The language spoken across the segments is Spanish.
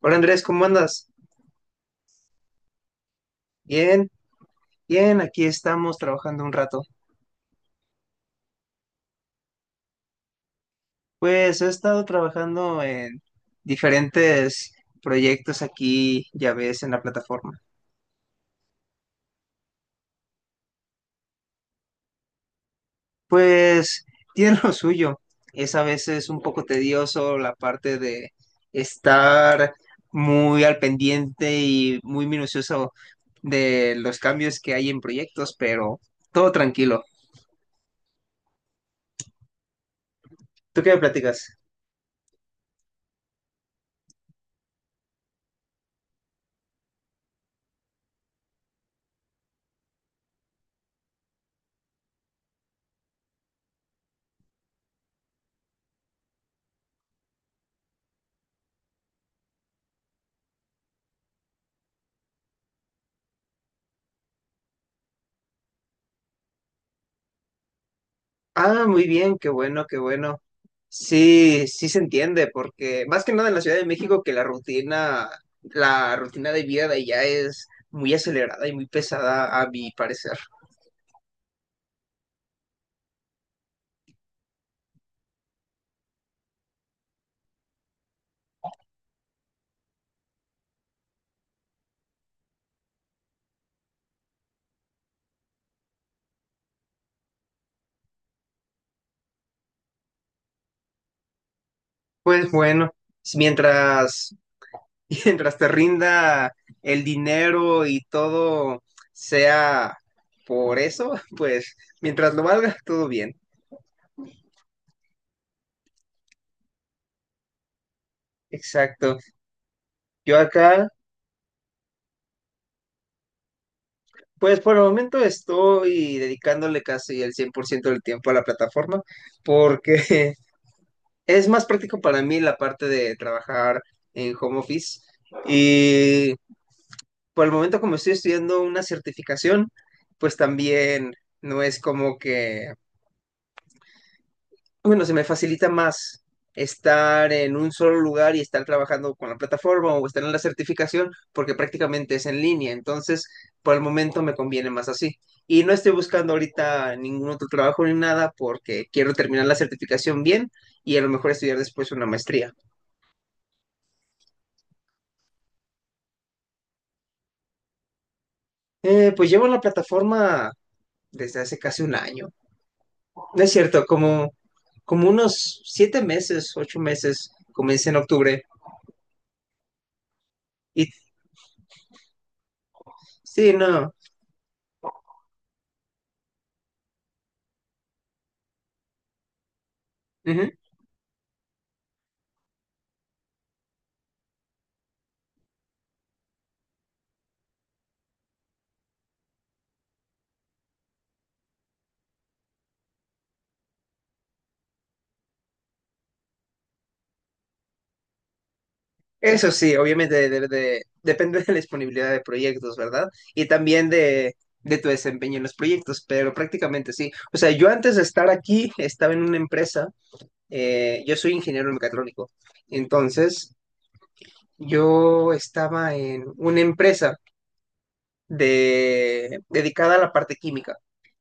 Hola Andrés, ¿cómo andas? Bien, bien, aquí estamos trabajando un rato. Pues he estado trabajando en diferentes proyectos aquí, ya ves, en la plataforma. Pues tiene lo suyo. Es a veces un poco tedioso la parte de estar muy al pendiente y muy minucioso de los cambios que hay en proyectos, pero todo tranquilo. ¿Tú qué me platicas? Ah, muy bien, qué bueno, qué bueno. Sí, sí se entiende, porque más que nada en la Ciudad de México que la rutina de vida de allá es muy acelerada y muy pesada a mi parecer. Pues bueno, mientras, mientras te rinda el dinero y todo sea por eso, pues mientras lo valga, todo bien. Exacto. Yo acá. Pues por el momento estoy dedicándole casi el 100% del tiempo a la plataforma porque es más práctico para mí la parte de trabajar en home office y por el momento como estoy estudiando una certificación, pues también no es como que bueno, se me facilita más estar en un solo lugar y estar trabajando con la plataforma o estar en la certificación porque prácticamente es en línea. Entonces, por el momento me conviene más así. Y no estoy buscando ahorita ningún otro trabajo ni nada porque quiero terminar la certificación bien y a lo mejor estudiar después una maestría. Pues llevo en la plataforma desde hace casi un año. No es cierto, como unos 7 meses, 8 meses, comencé en octubre. Y sí, no. Ujú. Eso sí, obviamente depende de la disponibilidad de proyectos, ¿verdad? Y también de tu desempeño en los proyectos, pero prácticamente sí. O sea, yo antes de estar aquí estaba en una empresa, yo soy ingeniero mecatrónico, entonces yo estaba en una empresa dedicada a la parte química.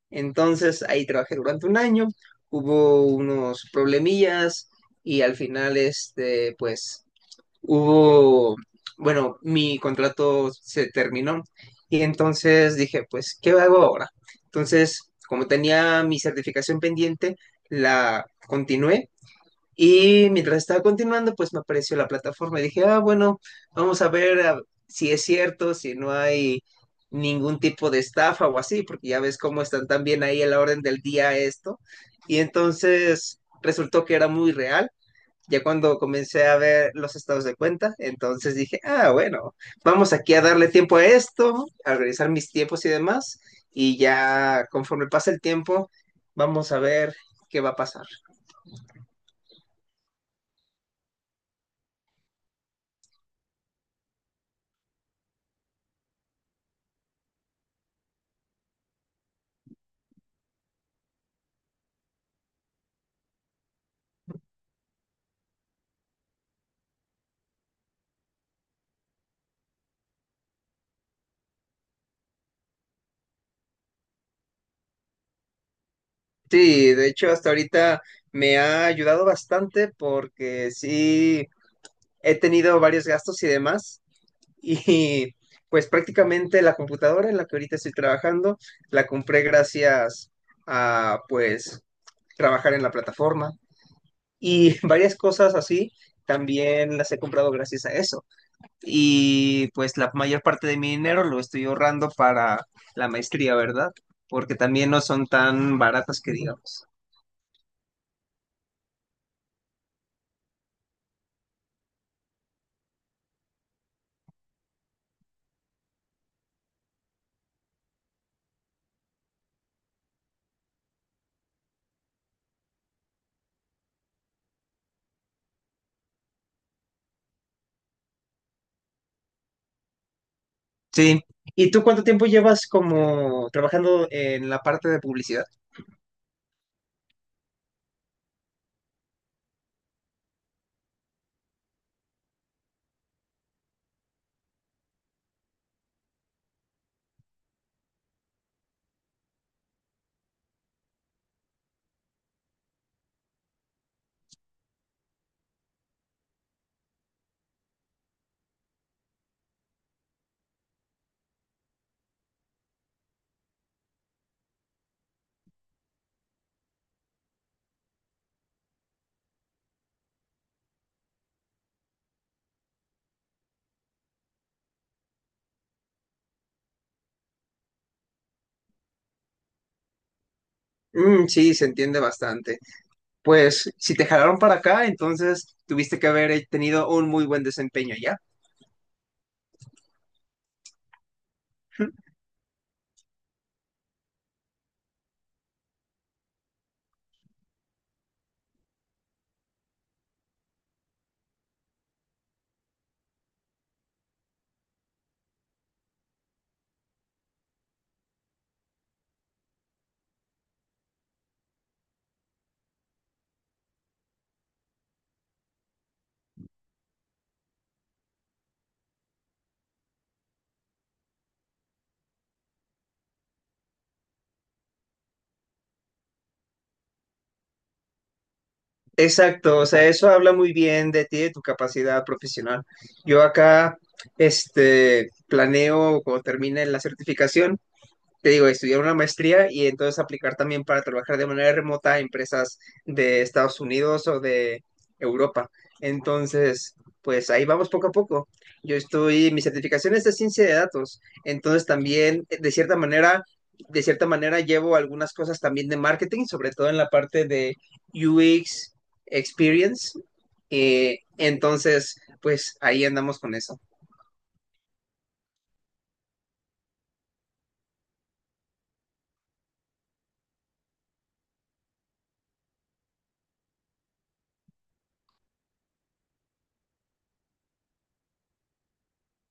Entonces ahí trabajé durante un año, hubo unos problemillas y al final, pues hubo, bueno, mi contrato se terminó y entonces dije, pues, ¿qué hago ahora? Entonces, como tenía mi certificación pendiente, la continué y mientras estaba continuando, pues me apareció la plataforma y dije, ah, bueno, vamos a ver ah, si es cierto, si no hay ningún tipo de estafa o así, porque ya ves cómo están también ahí a la orden del día esto. Y entonces resultó que era muy real ya cuando comencé a ver los estados de cuenta, entonces dije, ah, bueno, vamos aquí a darle tiempo a esto, a organizar mis tiempos y demás, y ya conforme pasa el tiempo, vamos a ver qué va a pasar. Sí, de hecho, hasta ahorita me ha ayudado bastante porque sí he tenido varios gastos y demás, y pues prácticamente la computadora en la que ahorita estoy trabajando, la compré gracias a pues trabajar en la plataforma. Y varias cosas así también las he comprado gracias a eso. Y pues la mayor parte de mi dinero lo estoy ahorrando para la maestría, ¿verdad? Porque también no son tan baratas que digamos. Sí. ¿Y tú cuánto tiempo llevas como trabajando en la parte de publicidad? Mm, sí, se entiende bastante. Pues si te jalaron para acá, entonces tuviste que haber tenido un muy buen desempeño ya. Exacto, o sea, eso habla muy bien de ti, de tu capacidad profesional. Yo acá, planeo cuando termine la certificación te digo, estudiar una maestría y entonces aplicar también para trabajar de manera remota a empresas de Estados Unidos o de Europa. Entonces, pues ahí vamos poco a poco. Mi certificación es de ciencia de datos, entonces también, de cierta manera llevo algunas cosas también de marketing, sobre todo en la parte de UX Experience. Entonces, pues ahí andamos con eso.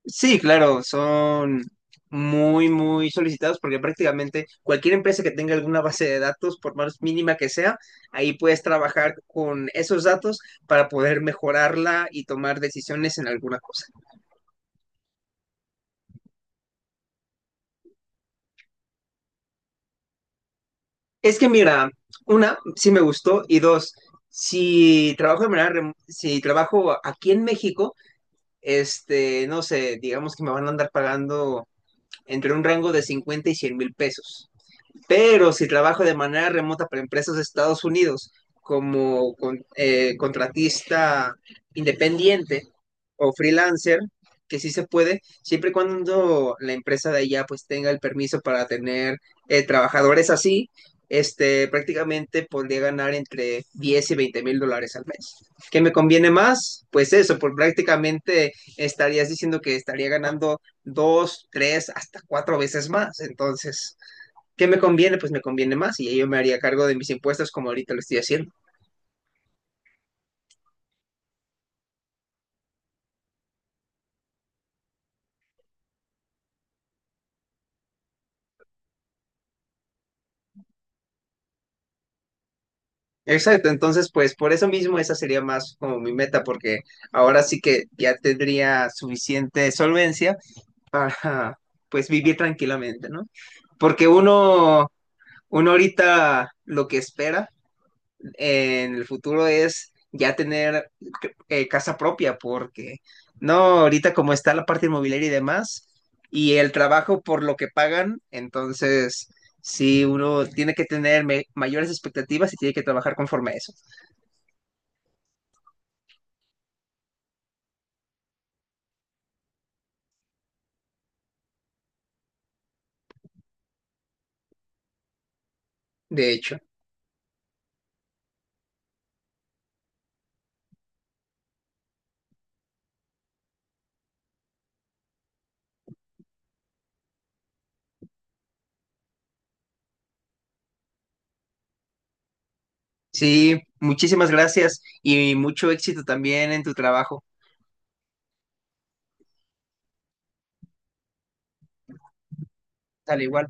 Sí, claro, son muy, muy solicitados porque prácticamente cualquier empresa que tenga alguna base de datos, por más mínima que sea, ahí puedes trabajar con esos datos para poder mejorarla y tomar decisiones en alguna cosa. Es que mira, una, sí me gustó y dos, si trabajo de manera rem- si trabajo aquí en México, no sé, digamos que me van a andar pagando entre un rango de 50,000 y 100,000 pesos. Pero si trabajo de manera remota para empresas de Estados Unidos como con, contratista independiente o freelancer, que sí se puede, siempre y cuando la empresa de allá pues tenga el permiso para tener trabajadores así, prácticamente podría ganar entre 10,000 y 20,000 dólares al mes. ¿Qué me conviene más? Pues eso, por prácticamente estarías diciendo que estaría ganando dos, tres, hasta cuatro veces más. Entonces, ¿qué me conviene? Pues me conviene más y yo me haría cargo de mis impuestos como ahorita lo estoy haciendo. Exacto, entonces pues por eso mismo esa sería más como mi meta, porque ahora sí que ya tendría suficiente solvencia para pues vivir tranquilamente, ¿no? Porque uno ahorita lo que espera en el futuro es ya tener casa propia, porque no, ahorita como está la parte inmobiliaria y demás, y el trabajo por lo que pagan, entonces sí, uno tiene que tener mayores expectativas y tiene que trabajar conforme a eso, de hecho. Sí, muchísimas gracias y mucho éxito también en tu trabajo, al igual.